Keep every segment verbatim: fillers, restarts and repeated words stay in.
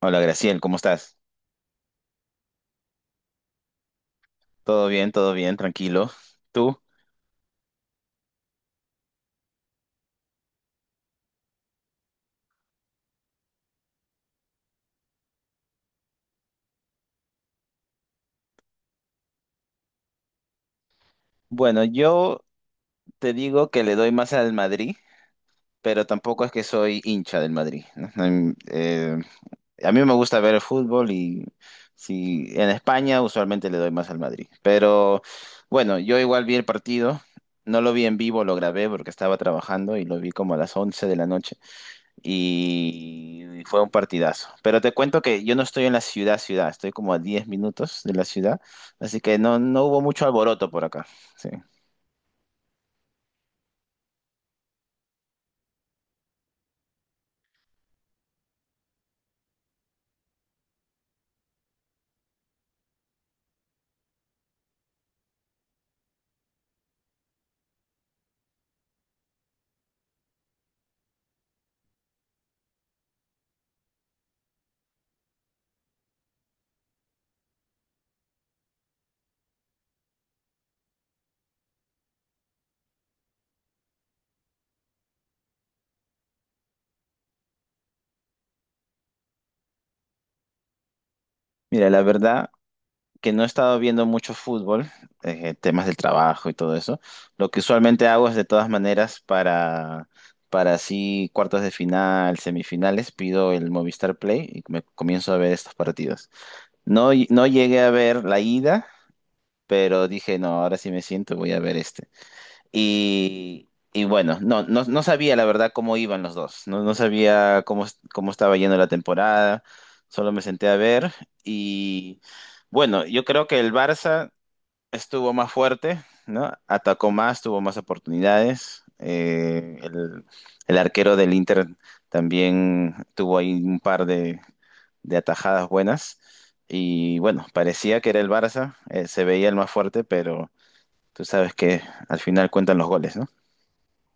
Hola Graciel, ¿cómo estás? Todo bien, todo bien, tranquilo. ¿Tú? Bueno, yo te digo que le doy más al Madrid, pero tampoco es que soy hincha del Madrid, ¿no? Em, eh, a mí me gusta ver el fútbol y si en España usualmente le doy más al Madrid. Pero bueno, yo igual vi el partido, no lo vi en vivo, lo grabé porque estaba trabajando y lo vi como a las once de la noche. Y fue un partidazo. Pero te cuento que yo no estoy en la ciudad, ciudad, estoy como a diez minutos de la ciudad, así que no, no hubo mucho alboroto por acá. Sí. Mira, la verdad que no he estado viendo mucho fútbol, eh, temas del trabajo y todo eso. Lo que usualmente hago es de todas maneras para... Para así cuartos de final, semifinales, pido el Movistar Play y me comienzo a ver estos partidos. No, no llegué a ver la ida, pero dije, no, ahora sí me siento, voy a ver este. Y, y bueno, no, no, no sabía la verdad cómo iban los dos, no, no sabía cómo, cómo estaba yendo la temporada, solo me senté a ver y bueno, yo creo que el Barça estuvo más fuerte, ¿no? Atacó más, tuvo más oportunidades, eh, el, el arquero del Inter también tuvo ahí un par de, de atajadas buenas y bueno, parecía que era el Barça, eh, se veía el más fuerte, pero tú sabes que al final cuentan los goles, ¿no?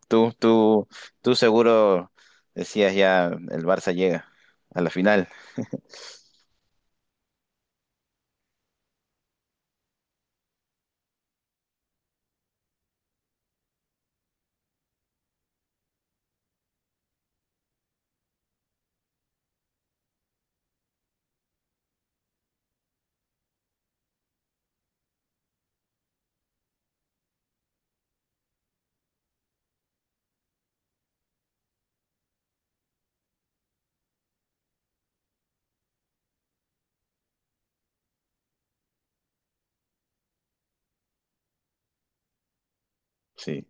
Tú, tú, tú seguro decías ya el Barça llega a la final. Sí,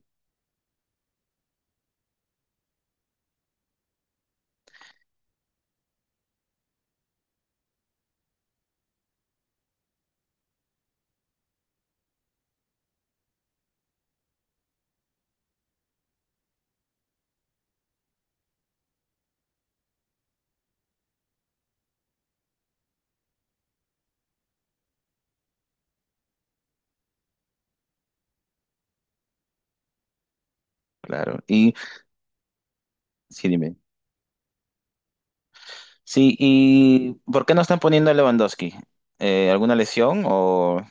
claro. Y sí, dime. Sí, ¿y por qué no están poniendo a Lewandowski? Eh, ¿alguna lesión o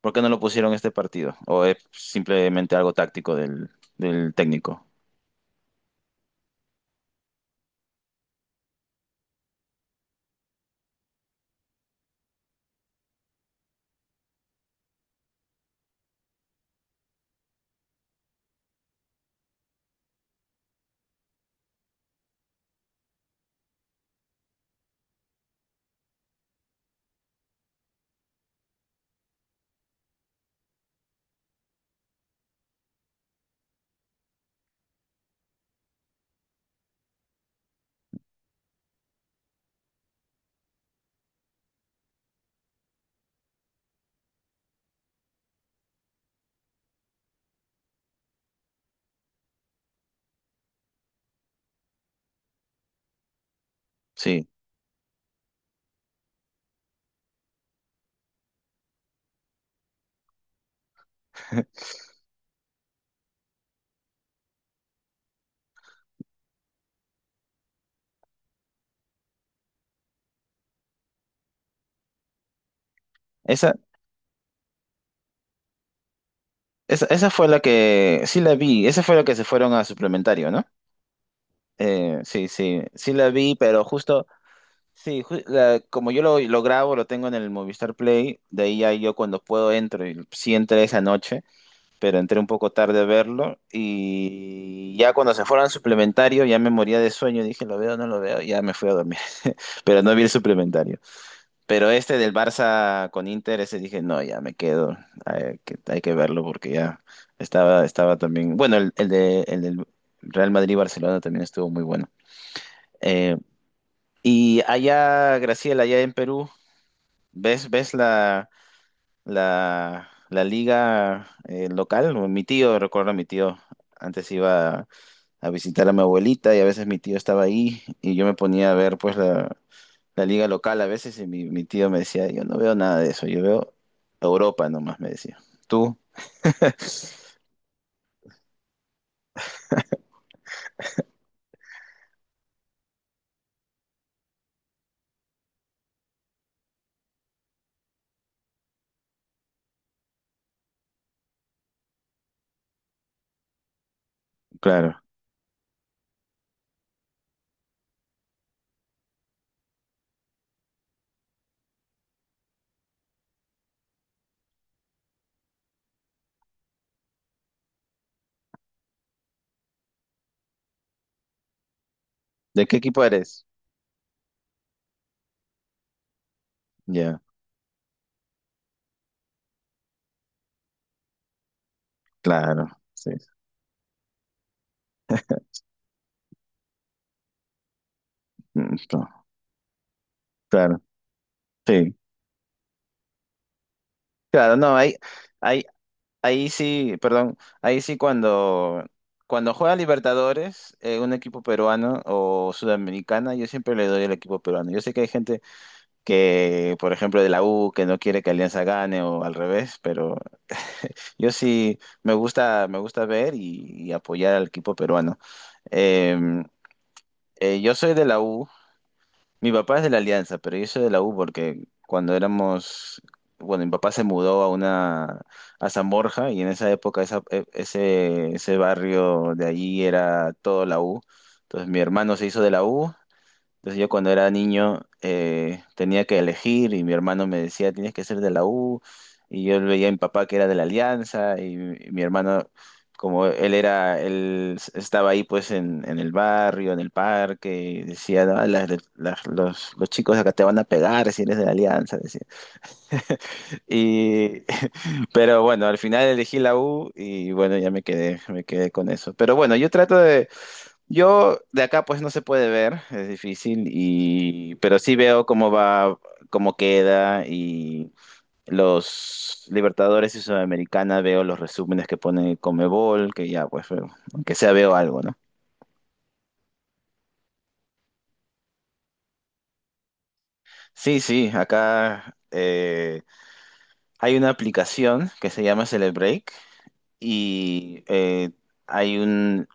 por qué no lo pusieron este partido? ¿O es simplemente algo táctico del, del técnico? Sí. Esa, esa, Esa fue la que, sí la vi, esa fue la que se fueron a suplementario, ¿no? Eh, sí, sí, sí la vi, pero justo, sí, ju- la- como yo lo, lo grabo, lo tengo en el Movistar Play, de ahí ya yo cuando puedo entro, y sí entré esa noche, pero entré un poco tarde a verlo y ya cuando se fueron al suplementario ya me moría de sueño, dije, lo veo, no lo veo, ya me fui a dormir, pero no vi el suplementario. Pero este del Barça con Inter, ese dije, no, ya me quedo, hay que, hay que verlo porque ya estaba, estaba también, bueno, el, el de, el del Real Madrid-Barcelona también estuvo muy bueno. Eh, y allá, Graciela, allá en Perú. ¿Ves, ves la, la, la liga eh, local? Mi tío, recuerdo a mi tío, antes iba a a visitar a mi abuelita y a veces mi tío estaba ahí y yo me ponía a ver pues la, la liga local a veces y mi, mi tío me decía, yo no veo nada de eso, yo veo Europa nomás, me decía. ¿Tú? Claro. ¿De qué equipo eres? Ya, claro, sí. Mm, no. Claro, sí. Claro, no, hay, hay, ahí sí, perdón, ahí sí cuando, cuando juega Libertadores, eh, un equipo peruano o sudamericana, yo siempre le doy el equipo peruano. Yo sé que hay gente que, por ejemplo, de la U, que no quiere que Alianza gane o al revés, pero yo sí me gusta, me gusta ver y, y apoyar al equipo peruano. Eh, eh, yo soy de la U. Mi papá es de la Alianza, pero yo soy de la U porque cuando éramos, bueno, mi papá se mudó a una a San Borja y en esa época esa- e- ese ese barrio de allí era todo la U. Entonces mi hermano se hizo de la U. Entonces yo cuando era niño eh, tenía que elegir y mi hermano me decía, tienes que ser de la U. Y yo veía a mi papá que era de la Alianza y, mi y mi hermano, como él era, él s- estaba ahí pues en, en el barrio, en el parque, y decía, "No, las de- las- los, los chicos acá te van a pegar si eres de la Alianza", decía. Y, pero bueno, al final elegí la U y bueno, ya me quedé, me quedé con eso. Pero bueno, yo trato de yo de acá pues no se puede ver, es difícil, y pero sí veo cómo va, cómo queda y los Libertadores y Sudamericana veo los resúmenes que pone Comebol, que ya pues eh, aunque sea veo algo, ¿no? Sí, sí, acá eh, hay una aplicación que se llama Celebreak y eh, hay un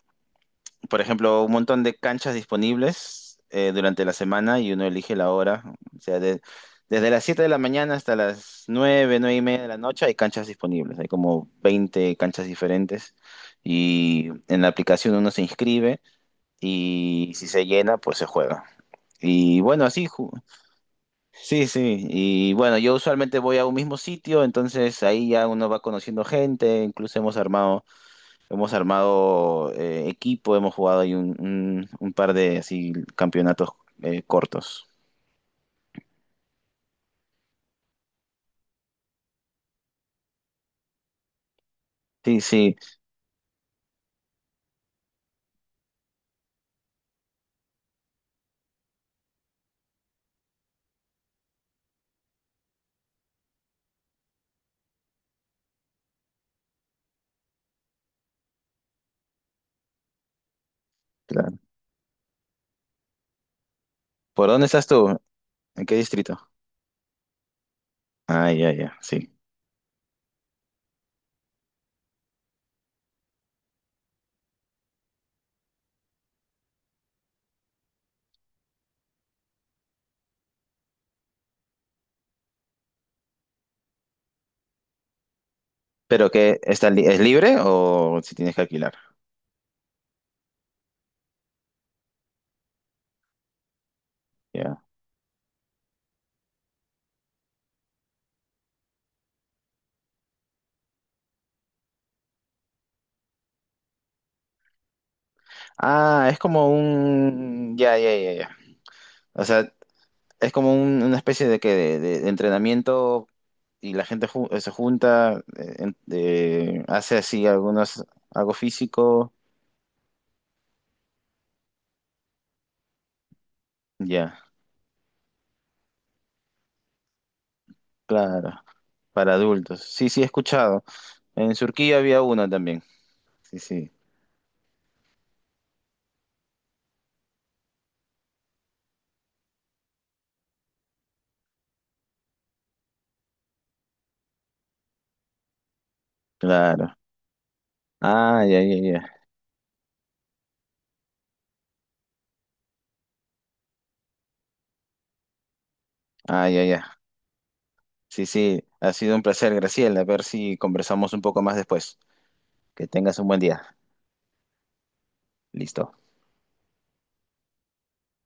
por ejemplo, un montón de canchas disponibles eh, durante la semana y uno elige la hora. O sea, de- desde las siete de la mañana hasta las nueve, nueve y media de la noche hay canchas disponibles. Hay como veinte canchas diferentes y en la aplicación uno se inscribe y si se llena, pues se juega. Y bueno, así, ju- sí, sí. Y bueno, yo usualmente voy a un mismo sitio, entonces ahí ya uno va conociendo gente, incluso hemos armado Hemos armado eh, equipo, hemos jugado ahí un, un- un par de así campeonatos eh, cortos. Sí, sí, claro. ¿Por dónde estás tú? ¿En qué distrito? Ah, ya, ya, sí. ¿Pero qué está li- es libre o si tienes que alquilar? Ya. Ah, es como un ya, ya, ya, ya. O sea, es como un- una especie de que de, de- de entrenamiento y la gente ju- se junta, eh, en- eh, hace así algunos algo físico. Ya. Claro, para adultos. Sí, sí, he escuchado. En Surquía había uno también. Sí, sí, claro. Ah, ya, ya, ya. Ah, ya, ya. Sí, sí, ha sido un placer, Graciela. A ver si conversamos un poco más después. Que tengas un buen día. Listo.